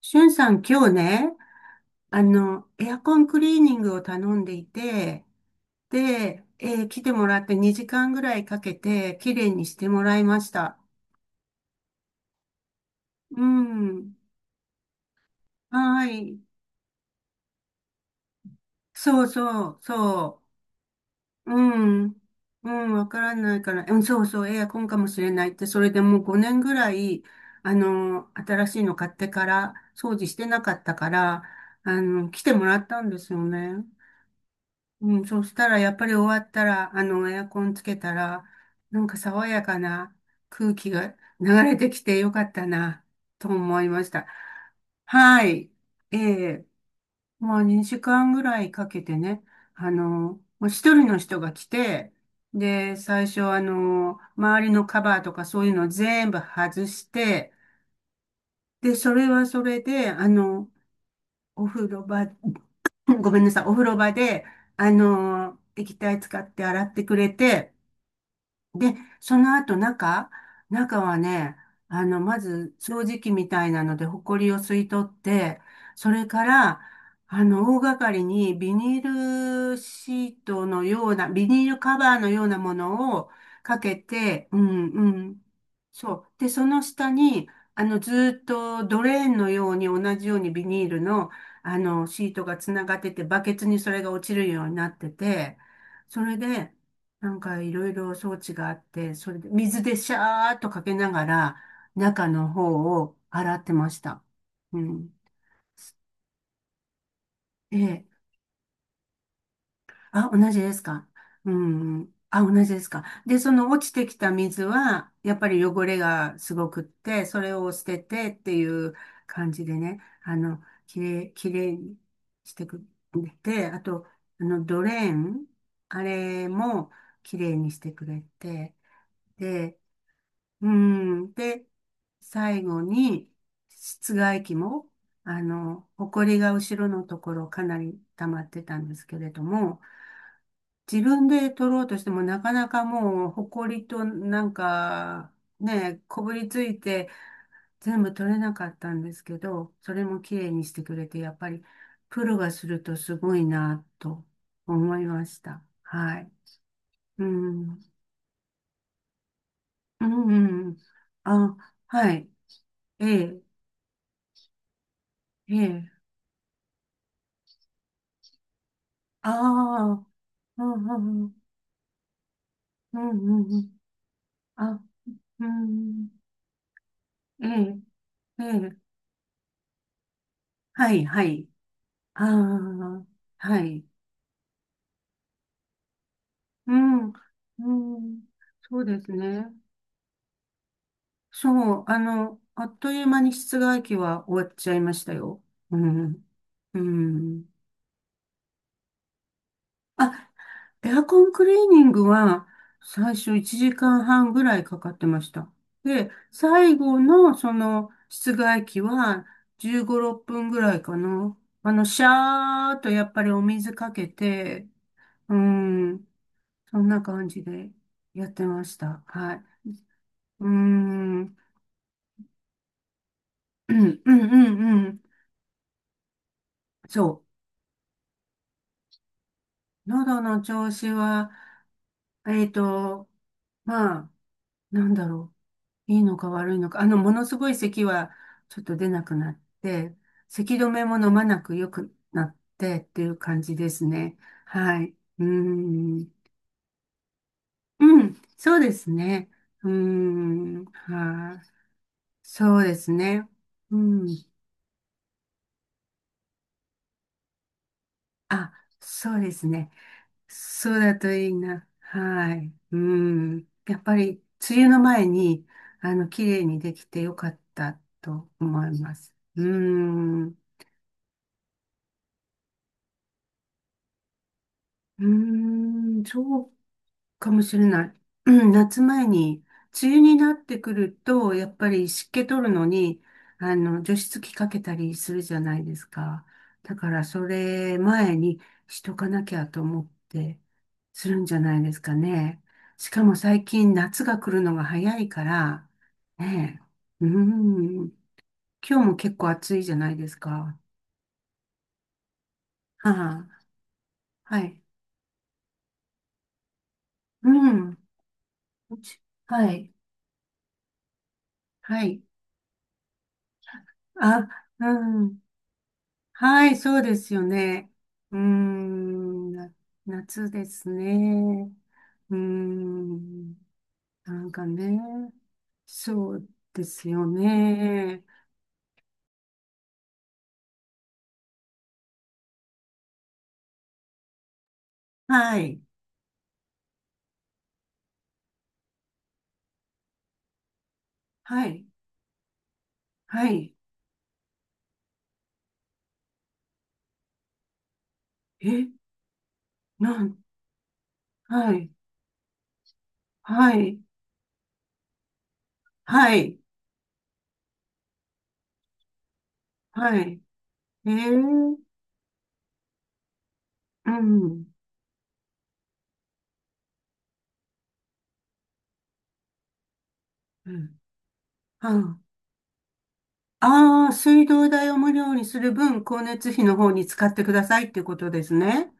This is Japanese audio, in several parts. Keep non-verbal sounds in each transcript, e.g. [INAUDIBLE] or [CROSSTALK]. しゅんさん、今日ね、エアコンクリーニングを頼んでいて、で、来てもらって2時間ぐらいかけて、綺麗にしてもらいました。うん。はい。そうそう、そう。うん。うん、わからないから、うん、そうそう、エアコンかもしれないって、それでもう5年ぐらい、新しいの買ってから、掃除してなかったから、来てもらったんですよね。うん、そしたら、やっぱり終わったら、エアコンつけたら、なんか爽やかな空気が流れてきてよかったなと思いました。はい。ええ、まあ2時間ぐらいかけてね、あの、もう一人の人が来て、で、最初周りのカバーとかそういうの全部外して、で、それはそれで、お風呂場 [LAUGHS] ごめんなさい、お風呂場で、液体使って洗ってくれて、で、その後中はね、まず掃除機みたいなので、ホコリを吸い取って、それから、大掛かりにビニールシートのような、ビニールカバーのようなものをかけて、うんうん。そう。で、その下に、ずーっとドレーンのように同じようにビニールの、シートがつながってて、バケツにそれが落ちるようになってて、それで、なんかいろいろ装置があって、それで水でシャーっとかけながら、中の方を洗ってました。うん。ええ。あ、同じですか。うん。あ、同じですか。で、その落ちてきた水は、やっぱり汚れがすごくって、それを捨ててっていう感じでね、きれいにしてくれて、あと、ドレーン、あれもきれいにしてくれて、で、うん。で、最後に、室外機も、埃が後ろのところかなり溜まってたんですけれども、自分で取ろうとしてもなかなかもう、埃となんか、ね、こぶりついて全部取れなかったんですけど、それも綺麗にしてくれて、やっぱりプロがするとすごいなと思いました。はい。うん。うん、うん。あ、はい。ええ、ええ。ああ、うん、うん、うん、うん。うん、あ、うん。ええ、ええ。はい、はい。ああ、はい。うん、うん、そうですね。そう、あっという間に室外機は終わっちゃいましたよ。うん、うん。あ、エアコンクリーニングは最初1時間半ぐらいかかってました。で、最後のその室外機は15、6分ぐらいかな。シャーっとやっぱりお水かけて、うん、そんな感じでやってました。はい。うーん。うんうんうんうん。そう。喉の調子は、えっと、まあ、なんだろう。いいのか悪いのか。ものすごい咳はちょっと出なくなって、咳止めも飲まなく良くなってっていう感じですね。はい。うーん。うん。そうですね。うーん。はい。そうですね。うん。あ、そうですね。そうだといいな。はい。うん。やっぱり、梅雨の前に、綺麗にできてよかったと思います。うん。うん。そうかもしれない。うん、夏前に、梅雨になってくると、やっぱり湿気取るのに、除湿機かけたりするじゃないですか。だから、それ前にしとかなきゃと思って、するんじゃないですかね。しかも最近夏が来るのが早いから、ねえ、うん、今日も結構暑いじゃないですか。はあ、はい。うん。うち、はい。はい。あ、うん。はい、そうですよね。うーん、夏ですね。うーん、なんかね、そうですよね。はい、はい、はい。え、なん、はい、はい、はい、はい。えー、うん、うん。ああー、水道代を無料にする分、光熱費の方に使ってくださいっていうことですね。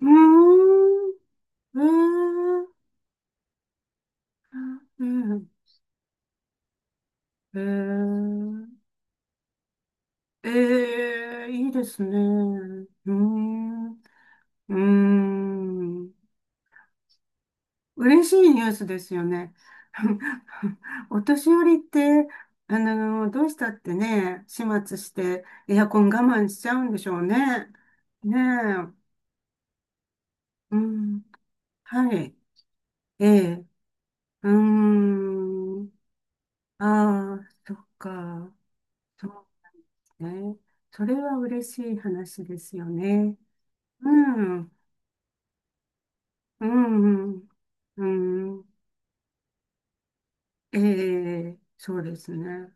うーん、うーんうん。えー、えいいですね。うーん。うーん。嬉しいニュースですよね。[LAUGHS] お年寄りって、どうしたってね、始末してエアコン我慢しちゃうんでしょうね。ねえ。うん。はい。ええ。うーん。ああ、そっか。そうね。それは嬉しい話ですよね。うん、うん、うん、うん、ええ、そうですね。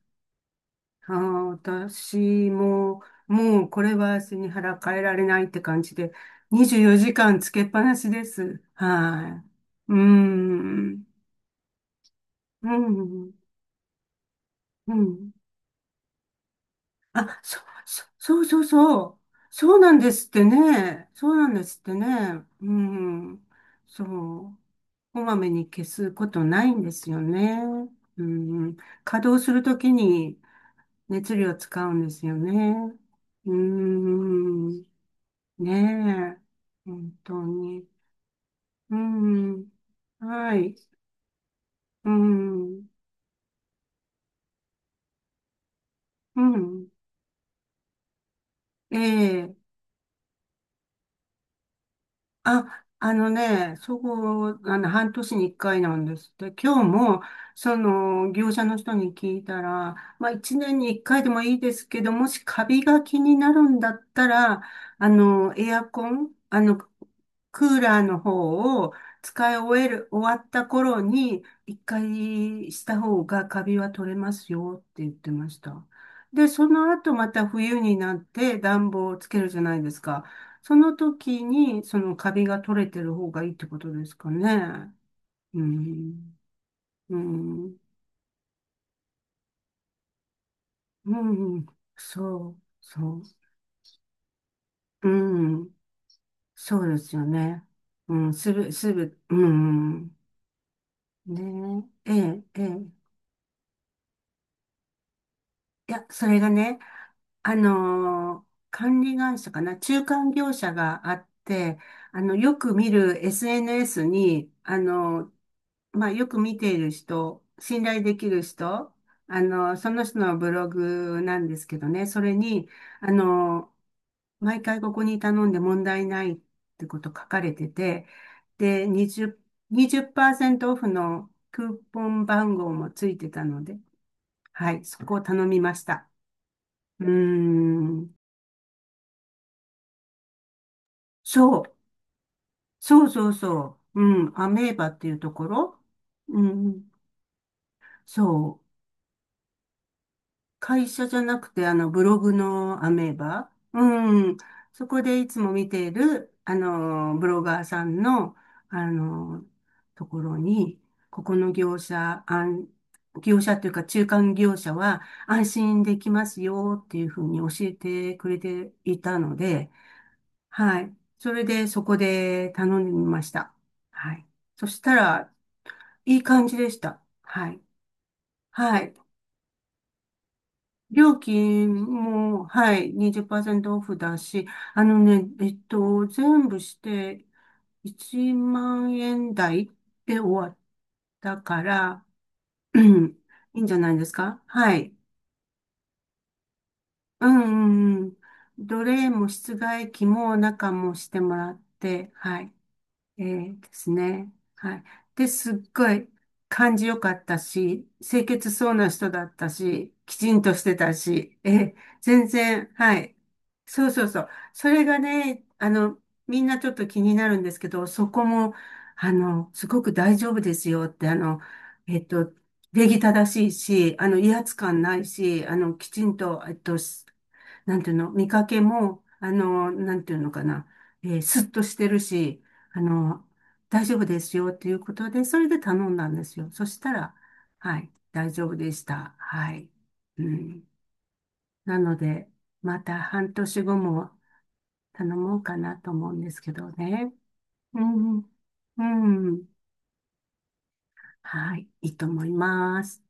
ああ、私も、もうこれは背に腹変えられないって感じで、24時間つけっぱなしです。はい。うん、うん、うん。あ、そうそうそう。そうなんですってね。そうなんですってね。うん、そう。こまめに消すことないんですよね。うん、稼働するときに熱量使うんですよね。うん、ねえ、本当に。うん、はい、うん、うん、ええ、あ、そこ、半年に一回なんですって。今日も、業者の人に聞いたら、まあ、一年に一回でもいいですけど、もしカビが気になるんだったら、あの、エアコン、あの、クーラーの方を使い終える、終わった頃に、一回した方がカビは取れますよって言ってました。で、その後また冬になって暖房をつけるじゃないですか。その時に、そのカビが取れてる方がいいってことですかね。うん、うん、うん、そう、そう、うん、そうですよね。うん、する、する、うん、ねえ、ええ、ええ。いや、それがね、あのー管理会社かな、中間業者があって、よく見る SNS に、まあ、よく見ている人、信頼できる人、その人のブログなんですけどね、それに、あのー毎回ここに頼んで問題ないってこと書かれてて、で、20、にじゅっパーセントオフのクーポン番号もついてたので、はい、そこを頼みました。うーん。そう。そうそうそう。うん。アメーバっていうところ。うん。そう。会社じゃなくて、ブログのアメーバ。うん。そこでいつも見ている、ブロガーさんの、あの、ところに、ここの業者、業者というか中間業者は安心できますよっていうふうに教えてくれていたので、はい。それで、そこで頼んでみました。はい。そしたら、いい感じでした。はい。はい。料金も、はい、20%オフだし、あのね、えっと、全部して、1万円台で終わったから、[CLEARS THROAT] うん、いいんじゃないですか。はい。うんうんうん。奴隷も室外機も中もしてもらって、はい。ですね。はい。で、すっごい感じよかったし、清潔そうな人だったし、きちんとしてたし、全然、はい。そうそうそう。それがね、みんなちょっと気になるんですけど、そこも、すごく大丈夫ですよって、えっと、礼儀正しいし、威圧感ないし、きちんと、なんていうの、見かけも、なんていうのかな、スッとしてるし、あの、大丈夫ですよっていうことで、それで頼んだんですよ。そしたら、はい、大丈夫でした。はい。うん。なので、また半年後も、頼もうかなと思うんですけどね。うん、うん、はい、いいと思います。